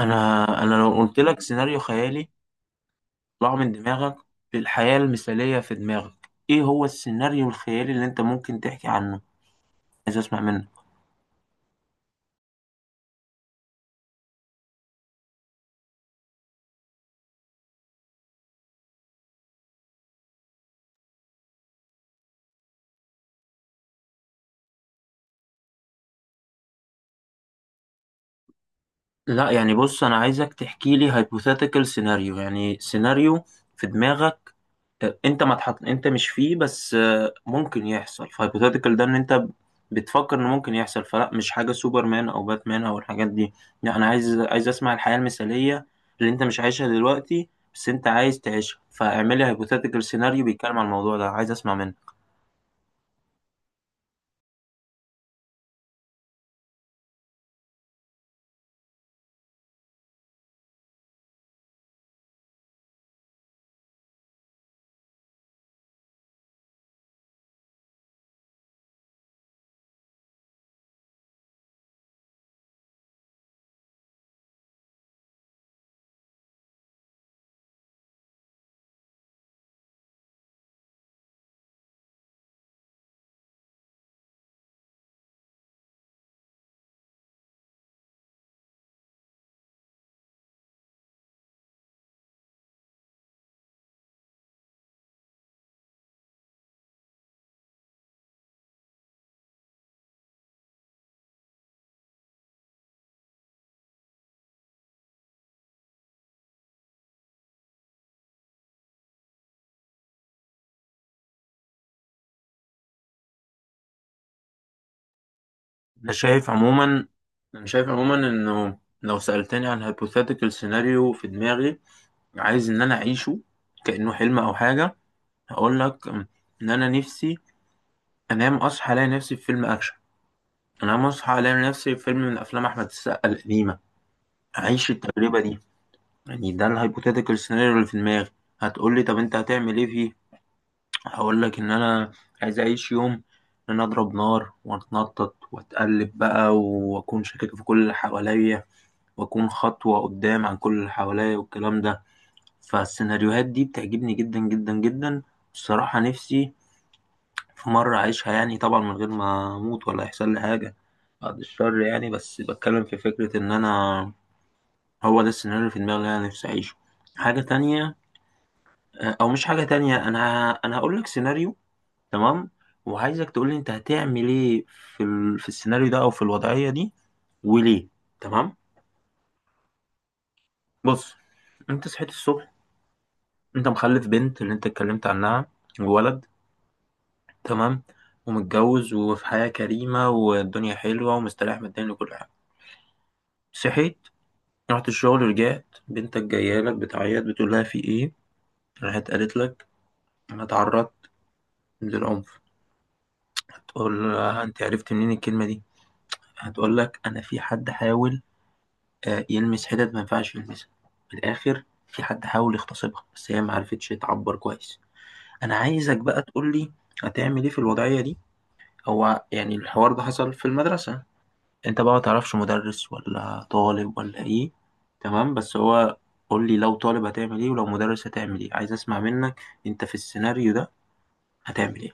انا انا لو قلت لك سيناريو خيالي، طلع من دماغك. في الحياة المثالية في دماغك، ايه هو السيناريو الخيالي اللي انت ممكن تحكي عنه؟ عايز اسمع منك. لا، يعني بص، انا عايزك تحكي لي هايبوثيتيكال سيناريو، يعني سيناريو في دماغك انت ما تحط، انت مش فيه، بس ممكن يحصل. فهيبوثيتيكال ده ان انت بتفكر ان ممكن يحصل، فلا مش حاجه سوبرمان او باتمان او الحاجات دي. لا، انا عايز اسمع الحياه المثاليه اللي انت مش عايشها دلوقتي، بس انت عايز تعيشها. فاعملي هايبوثيتيكال سيناريو بيتكلم عن الموضوع ده، عايز اسمع منك. انا شايف عموما انا شايف عموما انه لو سالتني عن هايبوثيتيكال سيناريو في دماغي عايز ان انا اعيشه كانه حلم او حاجه، هقول لك ان انا نفسي انام اصحى الاقي نفسي في فيلم اكشن. انا مصحى الاقي نفسي في فيلم من افلام احمد السقا القديمه، اعيش التجربه دي. يعني ده الهايبوثيتيكال سيناريو اللي في دماغي. هتقول لي طب انت هتعمل ايه فيه؟ هقول لك ان انا عايز اعيش يوم ان انا اضرب نار واتنطط واتقلب بقى، واكون شاكك في كل اللي حواليا، واكون خطوه قدام عن كل اللي حواليا والكلام ده. فالسيناريوهات دي بتعجبني جدا جدا جدا. الصراحه نفسي في مرة أعيشها، يعني طبعا من غير ما أموت ولا يحصل لي حاجة، بعد الشر، يعني بس بتكلم في فكرة إن أنا هو ده السيناريو اللي في دماغي اللي أنا نفسي أعيشه. حاجة تانية، أو مش حاجة تانية، أنا هقول لك سيناريو. تمام؟ وعايزك تقول لي أنت هتعمل إيه في في السيناريو ده أو في الوضعية دي، وليه. تمام. بص، أنت صحيت الصبح، أنت مخلف بنت اللي أنت اتكلمت عنها وولد. تمام؟ ومتجوز وفي حياة كريمة والدنيا حلوة ومستريح ماديا وكل حاجة. صحيت، رحت الشغل ورجعت، بنتك جايه لك بتعيط، بتقول لها في ايه؟ راحت قالت لك انا اتعرضت للعنف. هتقول لها انت عرفت منين الكلمه دي؟ هتقول لك انا في حد حاول، يلمس حتت ما ينفعش يلمسها، من الاخر في حد حاول يغتصبها، بس هي ما عرفتش تعبر كويس. انا عايزك بقى تقول لي هتعمل ايه في الوضعيه دي. هو يعني الحوار ده حصل في المدرسه، انت بقى ما تعرفش مدرس ولا طالب ولا ايه. تمام، بس هو قول لي لو طالب هتعمل ايه ولو مدرس هتعمل ايه. عايز اسمع منك، انت في السيناريو ده هتعمل ايه؟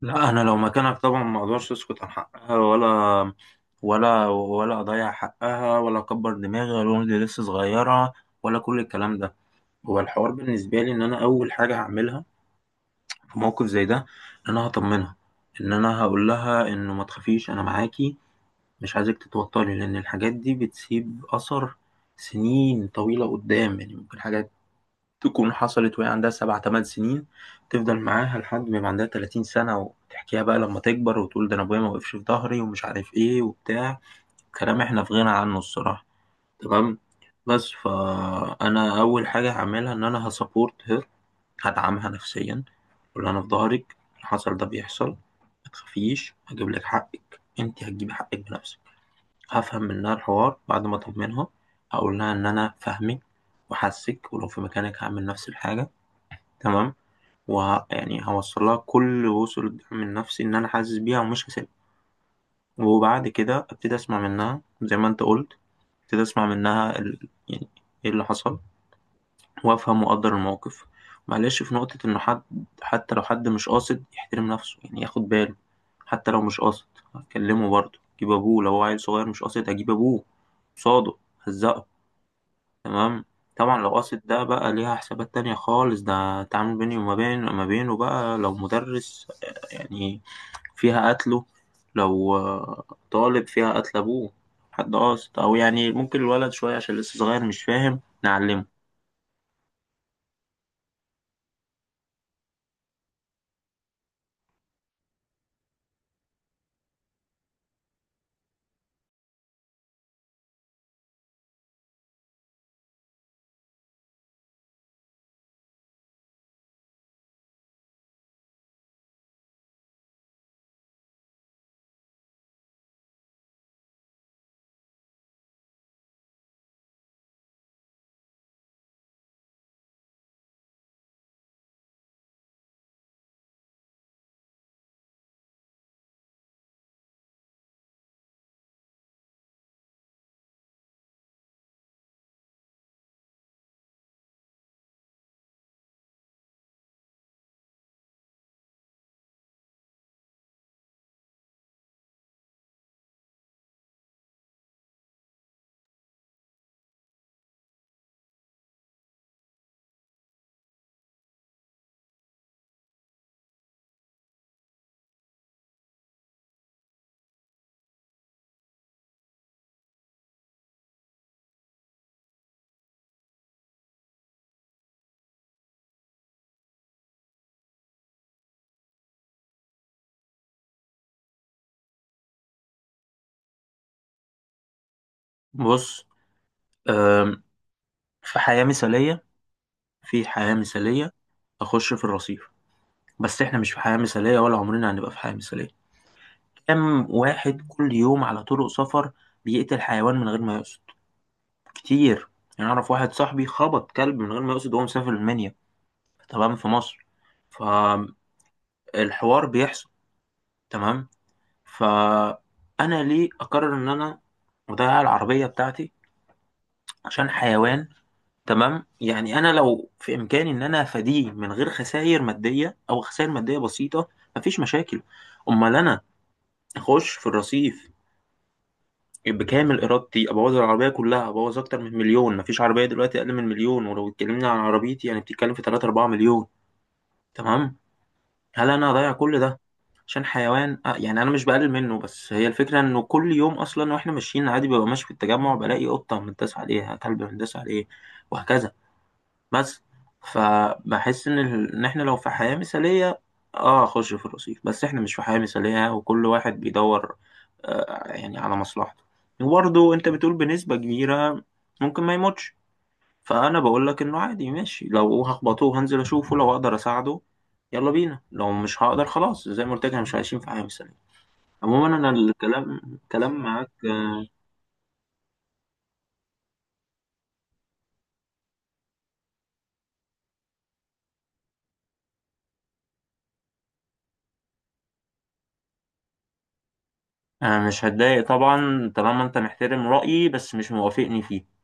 لا، انا لو مكانك طبعا ما اقدرش اسكت عن حقها، ولا اضيع حقها، ولا اكبر دماغي، ولا اقول دي لسه صغيره، ولا كل الكلام ده. هو الحوار بالنسبه لي ان انا اول حاجه هعملها في موقف زي ده ان انا هطمنها، ان انا هقول لها انه ما تخافيش انا معاكي، مش عايزك تتوتري، لأن الحاجات دي بتسيب أثر سنين طويلة قدام. يعني ممكن حاجات تكون حصلت وهي عندها سبع تمن سنين، تفضل معاها لحد ما يبقى عندها تلاتين سنة، وتحكيها بقى لما تكبر وتقول ده أنا أبويا ما وقفش في ظهري ومش عارف إيه وبتاع. كلام إحنا في غنى عنه الصراحة. تمام؟ بس فأنا أول حاجة هعملها إن أنا هسبورت هير، هدعمها نفسيا، أقول لها أنا في ظهرك، اللي حصل ده بيحصل، متخافيش هجيب لك حقك، أنت هتجيبي حقك بنفسك. هفهم منها الحوار بعد ما أطمنها، هقول لها إن أنا فاهمك وحاسك، ولو في مكانك هعمل نفس الحاجة. تمام؟ يعني هوصل لها كل وصول الدعم النفسي، إن أنا حاسس بيها ومش هسيبها. وبعد كده أبتدي أسمع منها زي ما أنت قلت، أبتدي أسمع منها يعني إيه اللي حصل، وافهم واقدر الموقف. معلش في نقطة انه حد، حتى لو حد مش قاصد يحترم نفسه يعني ياخد باله. حتى لو مش قاصد هتكلمه برضه، جيب ابوه لو هو عيل صغير مش قاصد هجيب ابوه قصاده، هزقه. تمام. طبعا لو قاصد ده بقى ليها حسابات تانية خالص، ده تعامل بيني وما بين ما بينه بقى. لو مدرس يعني فيها قتله، لو طالب فيها قتل ابوه حد قاصد. او يعني ممكن الولد شوية عشان لسه صغير مش فاهم، نعلمه. بص، في حياة مثالية، في حياة مثالية أخش في الرصيف. بس إحنا مش في حياة مثالية ولا عمرنا هنبقى في حياة مثالية. كم واحد كل يوم على طرق سفر بيقتل حيوان من غير ما يقصد؟ كتير. يعني أعرف واحد صاحبي خبط كلب من غير ما يقصد وهو مسافر المنيا. تمام، في مصر، فالحوار بيحصل. تمام. فأنا ليه أقرر إن أنا أضيع العربية بتاعتي عشان حيوان؟ تمام، يعني انا لو في امكاني ان انا افاديه من غير خسائر ماديه او خسائر ماديه بسيطه، مفيش مشاكل. امال انا اخش في الرصيف بكامل ارادتي، ابوظ العربيه كلها، ابوظ اكتر من مليون. مفيش عربيه دلوقتي اقل من مليون، ولو اتكلمنا عن عربيتي يعني بتتكلم في 3 4 مليون. تمام؟ هل انا هضيع كل ده عشان حيوان؟ آه يعني انا مش بقلل منه، بس هي الفكره انه كل يوم اصلا. واحنا ماشيين عادي ببقى ماشي في التجمع، بلاقي قطه مندسه عليها، كلب مندس عليه، وهكذا. بس فبحس ان ان احنا لو في حياة مثالية اه اخش في الرصيف، بس احنا مش في حياة مثالية وكل واحد بيدور آه يعني على مصلحته. وبرضه انت بتقول بنسبة كبيرة ممكن ما يموتش، فانا بقول لك انه عادي، ماشي لو هخبطوه هنزل اشوفه، لو اقدر اساعده يلا بينا، لو مش هقدر خلاص زي ما قلت لك احنا مش عايشين في حياة مثالية. عموما انا الكلام كلام معاك. مش هتضايق طبعا طالما انت محترم رأيي بس مش موافقني فيه.